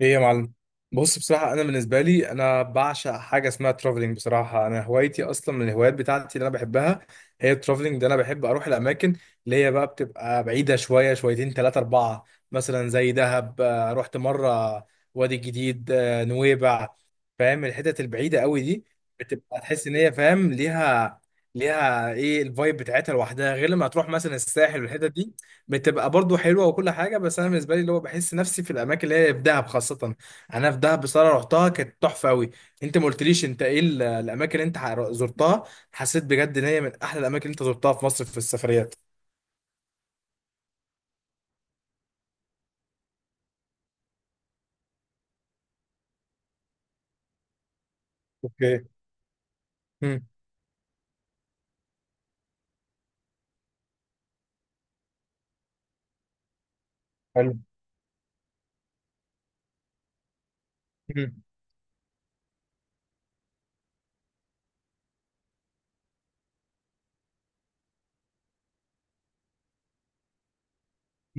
ايه يا معلم. بص، بصراحة أنا بالنسبة لي أنا بعشق حاجة اسمها ترافلينج. بصراحة أنا هوايتي أصلا من الهوايات بتاعتي اللي أنا بحبها هي الترافلينج. ده أنا بحب أروح الأماكن اللي هي بقى بتبقى بعيدة، شوية شويتين تلاتة أربعة، مثلا زي دهب. آه، رحت مرة وادي الجديد، آه، نويبع. فاهم؟ الحتت البعيدة قوي دي بتبقى تحس إن هي فاهم ليها. إيه الفايب بتاعتها لوحدها غير لما تروح مثلا الساحل والحتت دي. بتبقى برضو حلوه وكل حاجه، بس انا بالنسبه لي اللي هو بحس نفسي في الاماكن اللي هي في دهب خاصه. انا في دهب بصراحه رحتها، كانت تحفه قوي. انت ما قلتليش انت ايه الاماكن اللي انت زرتها. حسيت بجد ان هي من احلى الاماكن اللي انت زرتها في مصر في السفريات. اوكي. امم حلو. امم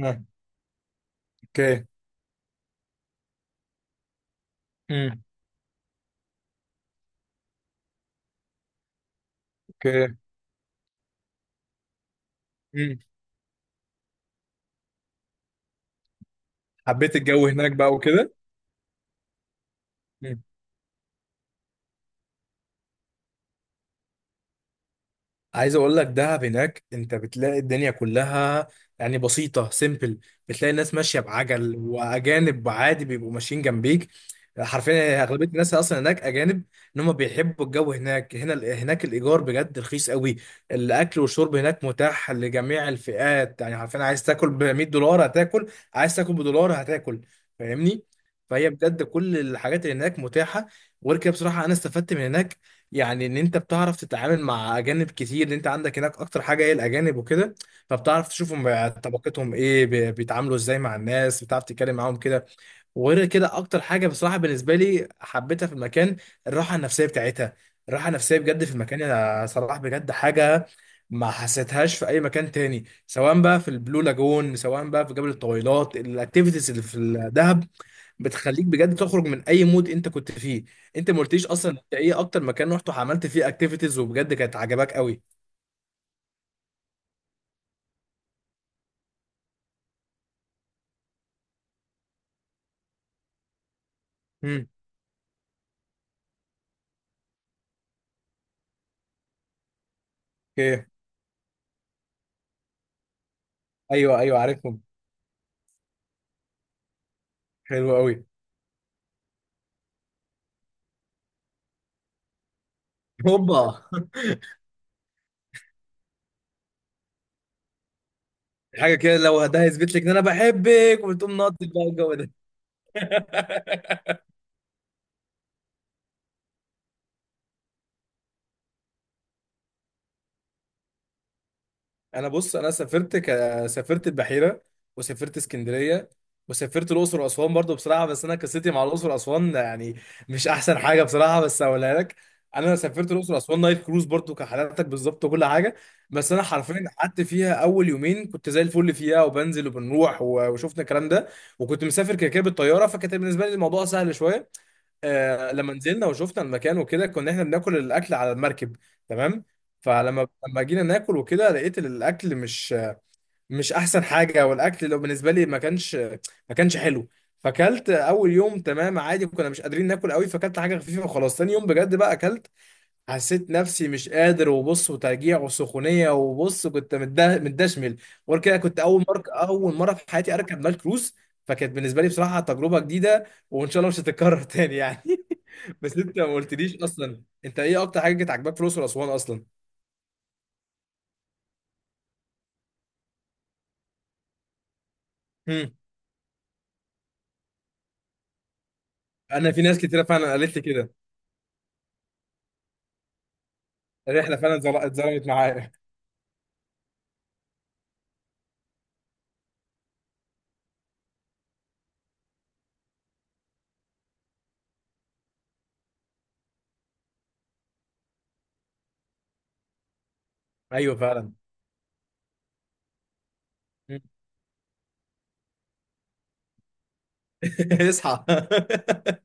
آه. اوكي. امم اوكي. امم حبيت الجو هناك بقى وكده. عايز اقول لك دهب هناك انت بتلاقي الدنيا كلها. يعني بسيطة سيمبل. بتلاقي الناس ماشية بعجل واجانب عادي بيبقوا ماشيين جنبيك. حرفيا اغلبية الناس اصلا هناك اجانب. ان هم بيحبوا الجو هناك، هنا هناك الايجار بجد رخيص قوي. الاكل والشرب هناك متاح لجميع الفئات، يعني حرفيا عايز تاكل ب $100 هتاكل، عايز تاكل بدولار هتاكل. فاهمني؟ فهي بجد كل الحاجات اللي هناك متاحة. وغير كده بصراحة انا استفدت من هناك، يعني ان انت بتعرف تتعامل مع اجانب كتير، ان انت عندك هناك اكتر حاجه هي الاجانب وكده. فبتعرف تشوفهم بقى طبقتهم ايه، بيتعاملوا ازاي مع الناس، بتعرف تتكلم معاهم كده. وغير كده اكتر حاجه بصراحه بالنسبه لي حبيتها في المكان، الراحه النفسيه بتاعتها. الراحه النفسيه بجد في المكان يا صلاح بجد حاجه ما حسيتهاش في اي مكان تاني، سواء بقى في البلو لاجون، سواء بقى في جبل الطويلات. الاكتيفيتيز اللي في الدهب بتخليك بجد تخرج من اي مود انت كنت فيه. انت ما قلتليش اصلا انت ايه اكتر مكان رحت وعملت فيه اكتيفيتيز وبجد كانت عجباك قوي؟ امم اوكي. ايوه ايوه عارفهم. حلو قوي. هوبا. حاجه كده لو ده هيثبت لك ان انا بحبك، وبتقوم ناطط بقى الجو ده. انا بص، انا سافرت البحيره، وسافرت اسكندريه، وسافرت الاقصر واسوان برضو بصراحه. بس انا قصتي مع الاقصر واسوان يعني مش احسن حاجه بصراحه، بس هقولها لك. انا سافرت الاقصر واسوان نايل كروز برضو كحالاتك بالظبط وكل حاجه. بس انا حرفيا قعدت فيها اول يومين كنت زي الفل فيها، وبنزل وبنروح وشفنا الكلام ده. وكنت مسافر كده كده بالطياره، فكانت بالنسبه لي الموضوع سهل شويه. آه لما نزلنا وشفنا المكان وكده، كنا احنا بناكل الاكل على المركب. تمام. فلما جينا ناكل وكده لقيت إن الاكل مش احسن حاجه. والاكل لو بالنسبه لي ما كانش حلو. فاكلت اول يوم تمام عادي، كنا مش قادرين ناكل قوي، فاكلت حاجه خفيفه وخلاص. تاني يوم بجد بقى اكلت، حسيت نفسي مش قادر، وبص وترجيع وسخونيه، وبص كنت متدشمل. وغير كده كنت اول مره في حياتي اركب نايل كروز، فكانت بالنسبه لي بصراحه تجربه جديده، وان شاء الله مش هتتكرر تاني يعني. بس انت ما قلتليش اصلا انت ايه اكتر حاجه كانت عاجباك في الاقصر واسوان اصلا؟ امم انا في ناس كتيره فعلا قالت لي كده. الرحله فعلا اتظلمت معايا. ايوه فعلا. مم. اصحى.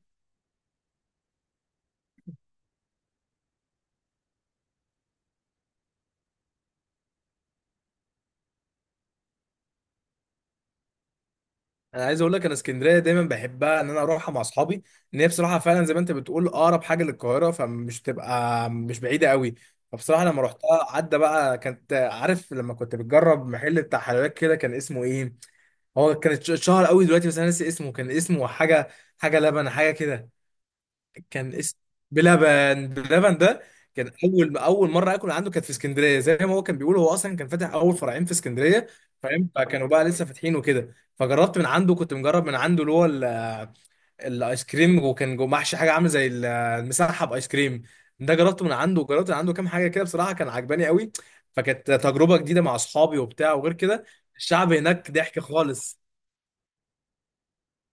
انا عايز اقول لك انا اسكندريه دايما بحبها ان انا اروحها مع اصحابي. ان هي بصراحه فعلا زي ما انت بتقول اقرب حاجه للقاهره، فمش بتبقى مش بعيده قوي. فبصراحه لما رحتها عدى بقى، كانت عارف لما كنت بتجرب محل بتاع حلويات كده كان اسمه ايه، هو كانت اتشهر قوي دلوقتي بس انا ناسي اسمه، كان اسمه حاجه، حاجه لبن حاجه كده. كان اسم، بلبن ده كان اول مره اكل عنده، كانت في اسكندريه. زي ما هو كان بيقول هو اصلا كان فاتح اول فرعين في اسكندريه. فاهم؟ فكانوا بقى لسه فاتحين وكده، فجربت من عنده، كنت مجرب من عنده اللي هو الايس كريم، وكان جوه محشي حاجه عامله زي المسحب ايس كريم. ده جربته من عنده، وجربت من عنده كام حاجه كده بصراحه كان عجباني قوي. فكانت تجربه جديده مع اصحابي وبتاع. وغير كده الشعب هناك ضحك خالص.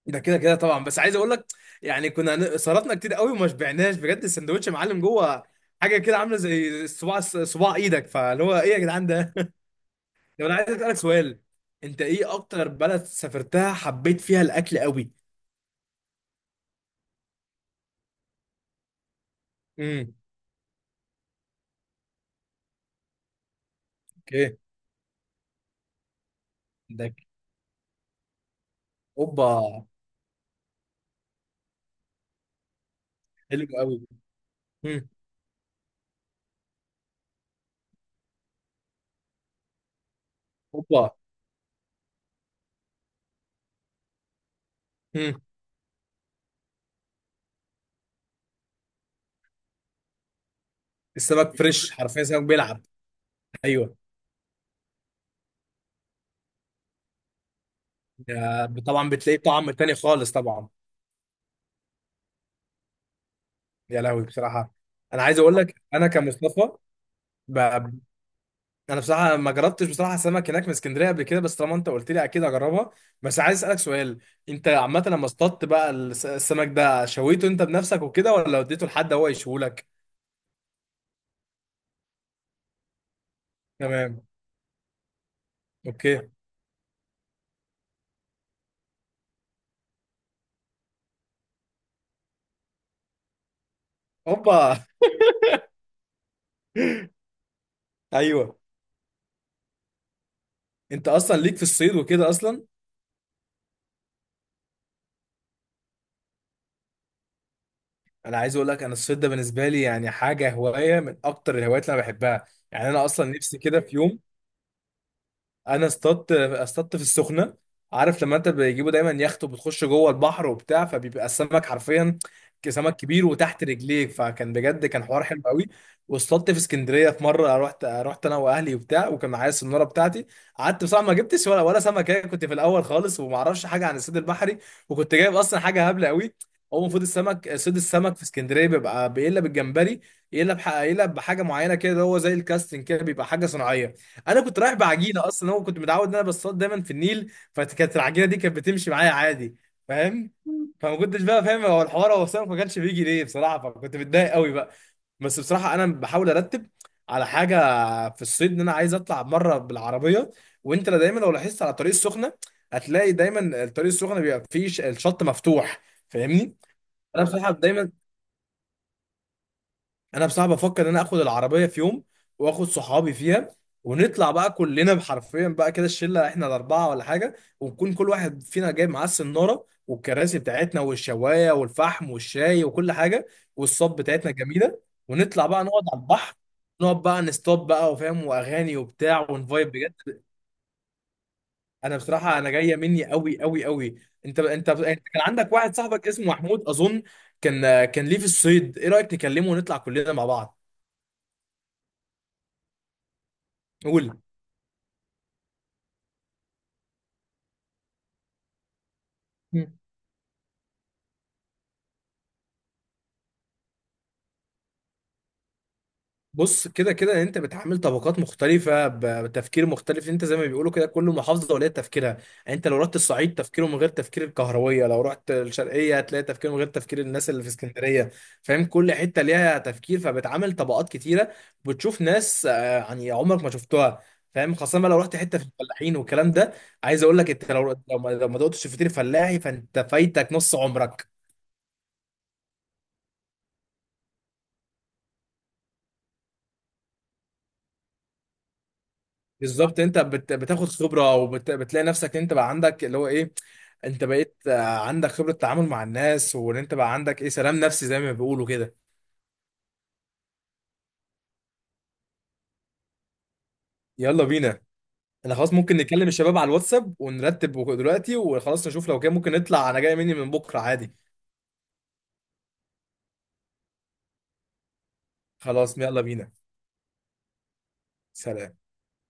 ده كده كده طبعا، بس عايز اقول لك، يعني كنا صرفنا كتير قوي وما شبعناش. بجد السندوتش يا معلم جوه حاجه كده عامله زي صباع، صباع ايدك. فاللي هو ايه يا جدعان ده؟ طب انا عايز اسالك سؤال، انت ايه اكتر بلد سافرتها حبيت فيها الاكل قوي؟ امم اوكي. ده ك- اوبا. حلو قوي. امم اوبا. امم السمك فريش، حرفيا سمك بيلعب. ايوه. ده طبعا بتلاقيه طعم تاني خالص طبعا. يا لهوي بصراحه. انا عايز اقول لك انا كمصطفى. ب- انا بصراحه ما جربتش بصراحه سمك هناك من اسكندريه قبل كده، بس طالما انت قلت لي اكيد اجربها. بس عايز اسالك سؤال، انت عامه لما اصطدت بقى السمك ده شويته انت بنفسك وكده ولا وديته لحد هو يشوهولك؟ تمام. اوكي. اوبا. ايوه. انت اصلا ليك في الصيد وكده اصلا. انا عايز اقول لك انا الصيد ده بالنسبه لي يعني حاجه، هوايه من اكتر الهوايات اللي انا بحبها. يعني انا اصلا نفسي كده في يوم. انا اصطدت في السخنه. عارف لما انت بيجيبوا دايما يخت وبتخش جوه البحر وبتاع، فبيبقى السمك حرفيا سمك كبير وتحت رجليك، فكان بجد كان حوار حلو قوي. واصطدت في اسكندريه في مره، رحت انا واهلي وبتاع، وكان معايا السناره بتاعتي. قعدت بصراحه ما جبتش ولا سمكه، كنت في الاول خالص وما اعرفش حاجه عن الصيد البحري. وكنت جايب اصلا حاجه هبله قوي. هو المفروض السمك، صيد السمك في اسكندريه بيبقى بيقلب الجمبري، يقلب بحاجه معينه كده هو زي الكاستنج كده، بيبقى حاجه صناعيه. انا كنت رايح بعجينه اصلا، هو كنت متعود ان انا بصطاد دايما في النيل، فكانت العجينه دي كانت بتمشي معايا عادي. فاهم؟ فما كنتش بقى فاهم هو الحوار، هو السمك ما كانش بيجي ليه بصراحه، فكنت متضايق قوي بقى. بس بصراحه انا بحاول ارتب على حاجه في الصيد، ان انا عايز اطلع مره بالعربيه. وانت لا، دايما لو لاحظت على الطريق السخنه هتلاقي دايما الطريق السخنه بيبقى فيه الشط مفتوح. فاهمني؟ انا بصراحه دايما، انا بصراحه بفكر ان انا اخد العربيه في يوم، واخد صحابي فيها، ونطلع بقى كلنا حرفيا بقى كده الشله احنا الاربعه ولا حاجه، ونكون كل واحد فينا جايب معاه السناره والكراسي بتاعتنا والشوايه والفحم والشاي وكل حاجه. والصب بتاعتنا جميله. ونطلع بقى نقعد على البحر، نقعد بقى نستوب بقى وفاهم واغاني وبتاع ونفايب بجد. انا بصراحه انا جايه مني قوي قوي قوي. انت كان عندك واحد صاحبك اسمه محمود اظن، كان ليه في الصيد، ايه رايك نكلمه ونطلع كلنا مع بعض؟ قول. مم. بص كده كده انت بتعامل طبقات مختلفة، بتفكير مختلف. انت زي ما بيقولوا كده كل محافظة وليها تفكيرها. يعني انت لو رحت الصعيد تفكيره من غير تفكير الكهروية، لو رحت الشرقية هتلاقي تفكير من غير تفكير الناس اللي في اسكندرية. فاهم؟ كل حتة ليها تفكير، فبتعامل طبقات كتيرة، بتشوف ناس يعني عمرك ما شفتها. فاهم؟ خاصة بقى لو رحت حتة في الفلاحين والكلام ده، عايز اقول لك انت لو ما دقتش فطير فلاحي فانت فايتك نص عمرك. بالظبط. انت بتاخد خبره، وبتلاقي نفسك ان انت بقى عندك اللي هو ايه، انت بقيت عندك خبره تعامل مع الناس، وان انت بقى عندك ايه سلام نفسي زي ما بيقولوا كده. يلا بينا. انا خلاص ممكن نكلم الشباب على الواتساب ونرتب دلوقتي وخلاص، نشوف لو كده ممكن نطلع. انا جاي مني من بكره عادي. خلاص يلا بينا. سلام.